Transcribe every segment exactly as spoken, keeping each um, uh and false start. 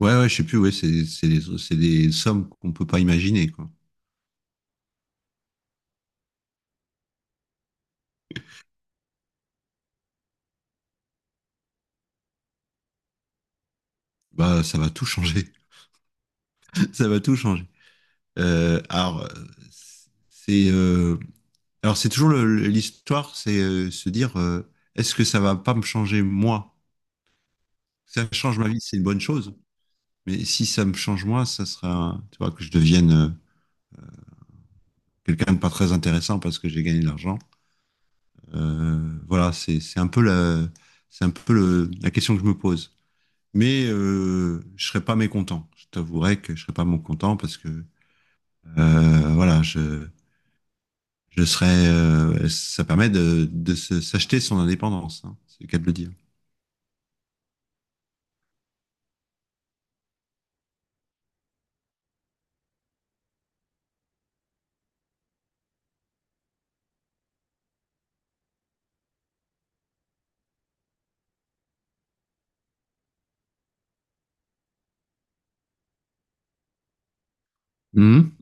Ouais, ouais, je sais plus, ouais, c'est c'est des, c'est des sommes qu'on peut pas imaginer, quoi. Bah, ça va tout changer. Ça va tout changer. Euh, alors, euh, c'est euh, alors c'est toujours le- le- l'histoire, c'est euh, se dire, euh, est-ce que ça va pas me changer, moi? Si ça change ma vie, c'est une bonne chose. Mais si ça me change moi, ça sera, un- tu vois, que je devienne euh, quelqu'un de pas très intéressant parce que j'ai gagné de l'argent. Euh, voilà, c'est c'est un peu la c'est un peu le- la question que je me pose. mais euh, je serais pas mécontent. Je t'avouerai que je serais pas mécontent parce que euh, voilà, je, je serais. Euh, ça permet de, de se- s'acheter son indépendance, hein, c'est le cas de le dire. Mhm.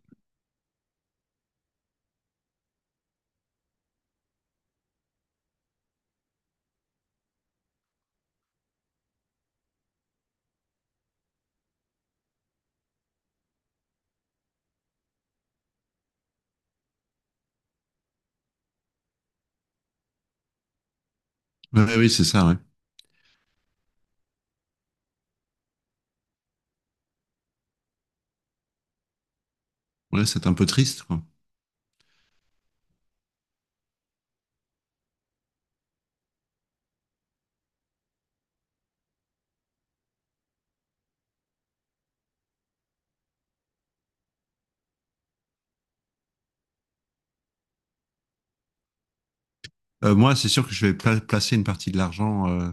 Ouais, oui, c'est ça. Ouais, ouais, c'est un peu triste, quoi. Euh, moi, c'est sûr que je vais pla- placer une partie de l'argent euh,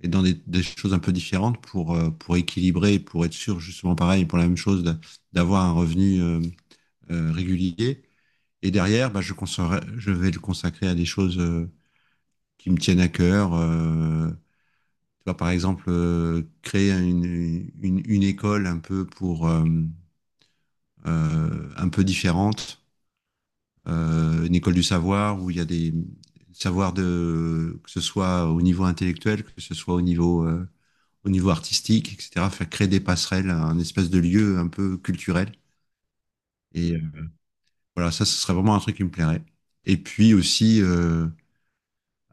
et dans des, des choses un peu différentes pour euh, pour équilibrer, pour être sûr justement pareil pour la même chose d'a- d'avoir un revenu, euh, euh, régulier. Et derrière, bah, je, consacrerai- je vais le consacrer à des choses. euh, qui me tiennent à cœur. Euh, tu vois, par exemple, euh, créer une, une, une école un peu pour euh, euh, un peu différente, euh, une école du savoir où il y a des savoirs de que ce soit au niveau intellectuel, que ce soit au niveau euh, au niveau artistique, et cetera. Faire créer des passerelles, un espèce de lieu un peu culturel. Et euh, voilà, ça, ce serait vraiment un truc qui me plairait. Et puis aussi, euh,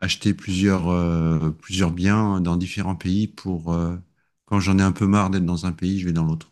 acheter plusieurs, euh, plusieurs biens dans différents pays pour, euh, quand j'en ai un peu marre d'être dans un pays, je vais dans l'autre.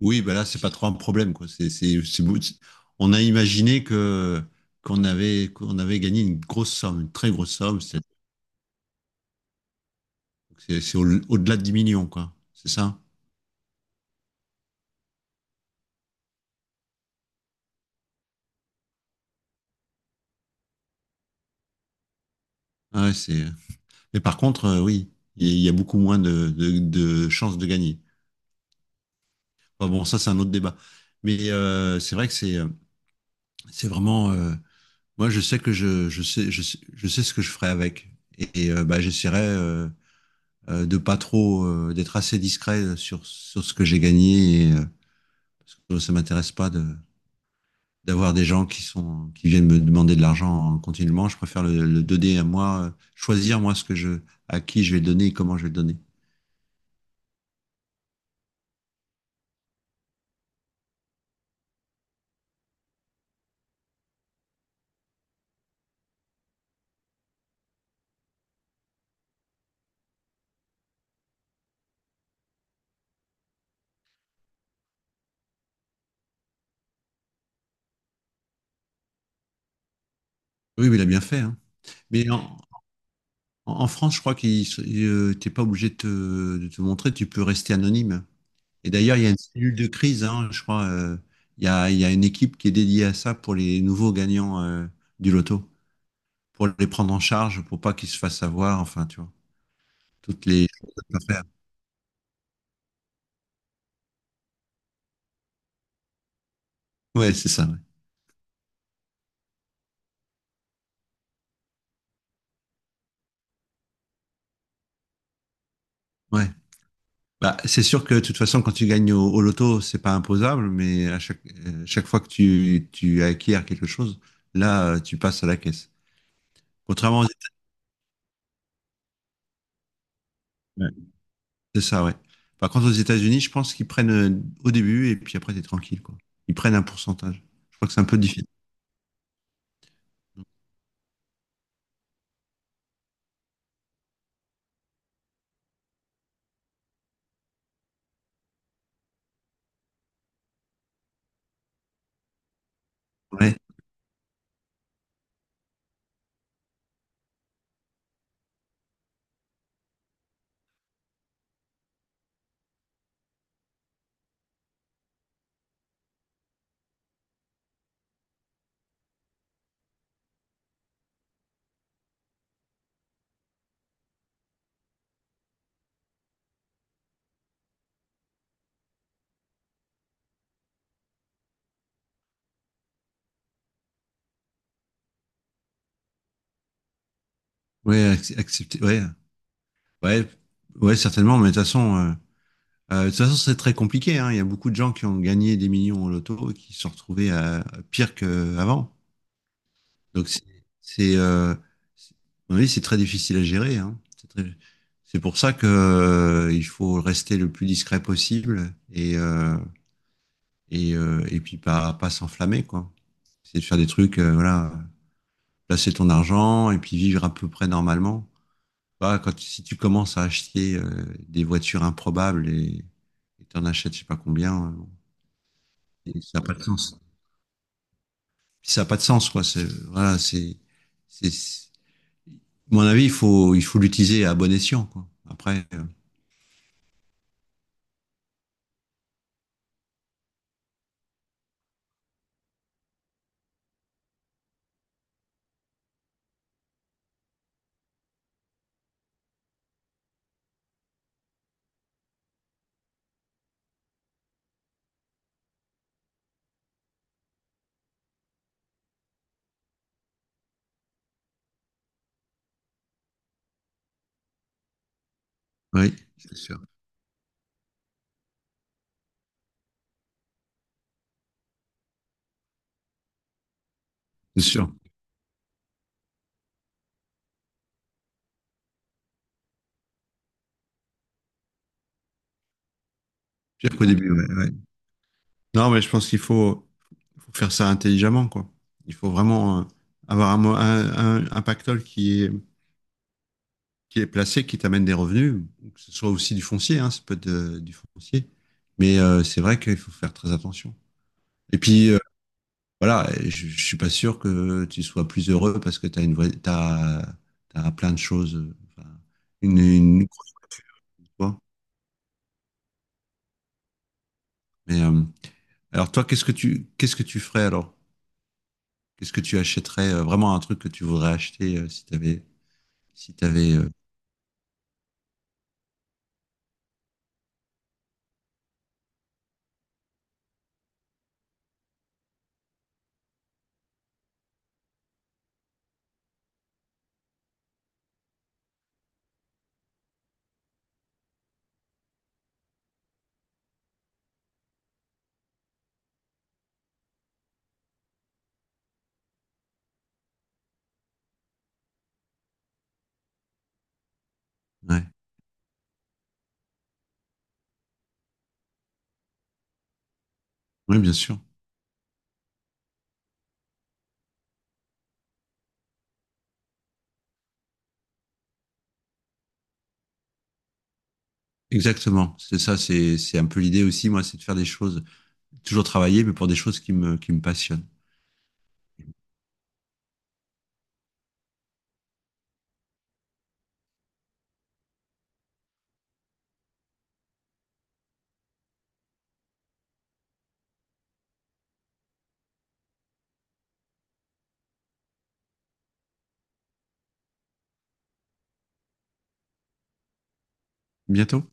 Oui, bah là, c'est pas trop un problème, quoi. C'est, c'est, c'est beau. c'est- On a imaginé que qu'on avait qu'on avait gagné une grosse somme, une très grosse somme. C'est c'est- c'est au- au-delà de dix millions, quoi. C'est ça? Ah Ouais, c'est Mais par contre, euh, oui, il y a beaucoup moins de, de- de chances de gagner. Enfin, bon, ça, c'est un autre débat. Mais euh, c'est vrai que c'est euh, c'est vraiment. Euh, moi, je sais que je, je sais, je sais, je sais ce que je ferai avec. Et, et, euh, bah, j'essaierai, euh, euh, de pas trop, euh, d'être assez discret sur, sur ce que j'ai gagné. Et, euh, parce que ça m'intéresse pas de d'avoir des gens qui sont qui viennent me demander de l'argent continuellement. Je préfère le, le donner, à moi, euh, choisir moi ce que je à qui je vais le donner et comment je vais le donner. Oui, mais il a bien fait, hein. Mais en, En, en France, je crois que t'es pas obligé de te, de te montrer, tu peux rester anonyme. Et d'ailleurs, il y a une cellule de crise, hein, je crois. euh, il y a, il y a une équipe qui est dédiée à ça pour les nouveaux gagnants, euh, du loto, pour les prendre en charge, pour pas qu'ils se fassent avoir, enfin, tu vois, toutes les choses à faire. Ouais, c'est ça. Ouais. Ouais. Bah, c'est sûr que de toute façon, quand tu gagnes au, au loto, c'est pas imposable, mais à chaque, euh, chaque fois que tu, tu acquiers quelque chose, là, euh, tu passes à la caisse. Contrairement aux... Ouais. C'est ça, ouais. Par contre, aux États-Unis, je pense qu'ils prennent, euh, au début, et puis après, t'es tranquille, quoi. Ils prennent un pourcentage. Je crois que c'est un peu difficile. Ouais, ouais, ac- accepter, ouais, ouais, ouais, certainement, mais de toute façon, euh, euh, de toute façon, c'est très compliqué, hein. Il y a beaucoup de gens qui ont gagné des millions au loto et qui se sont retrouvés à, à pire qu'avant. Donc, c'est, c'est, euh, c'est- à mon avis, c'est très difficile à gérer, hein. C'est très- c'est pour ça que, euh, il faut rester le plus discret possible, et, euh, et, euh, et puis pas pas s'enflammer, quoi. C'est de faire des trucs, euh, voilà, placer ton argent et puis vivre à peu près normalement. Pas quand si tu commences à acheter, euh, des voitures improbables et et t'en achètes je sais pas combien, euh, bon, et ça a pas de sens. Puis ça a pas de sens, quoi. C'est Voilà, c'est c'est c'est- à mon avis, il faut il faut l'utiliser à bon escient, quoi. Après, euh, oui, c'est sûr, c'est sûr pire qu'au début, ouais, ouais. Non, mais je pense qu'il faut, faut faire ça intelligemment, quoi. Il faut vraiment euh, avoir un, mo- un, un, un pactole qui est, qui est placé, qui t'amène des revenus, que ce soit aussi du foncier, hein, ça peut être, euh, du foncier. Mais euh, c'est vrai qu'il faut faire très attention. Et puis, euh, voilà, je, je suis pas sûr que tu sois plus heureux parce que tu as une vraie, t'as, t'as plein de choses, euh, enfin, une, une, grosse. Mais, euh, alors toi, qu'est-ce que tu, qu'est-ce que tu ferais alors? Qu'est-ce que tu achèterais, euh, vraiment un truc que tu voudrais acheter, euh, si tu avais, Si t'avais, euh, ouais. Oui, bien sûr. Exactement. C'est ça, c'est c'est un peu l'idée aussi, moi, c'est de faire des choses, toujours travailler, mais pour des choses qui me, qui me passionnent. Bientôt.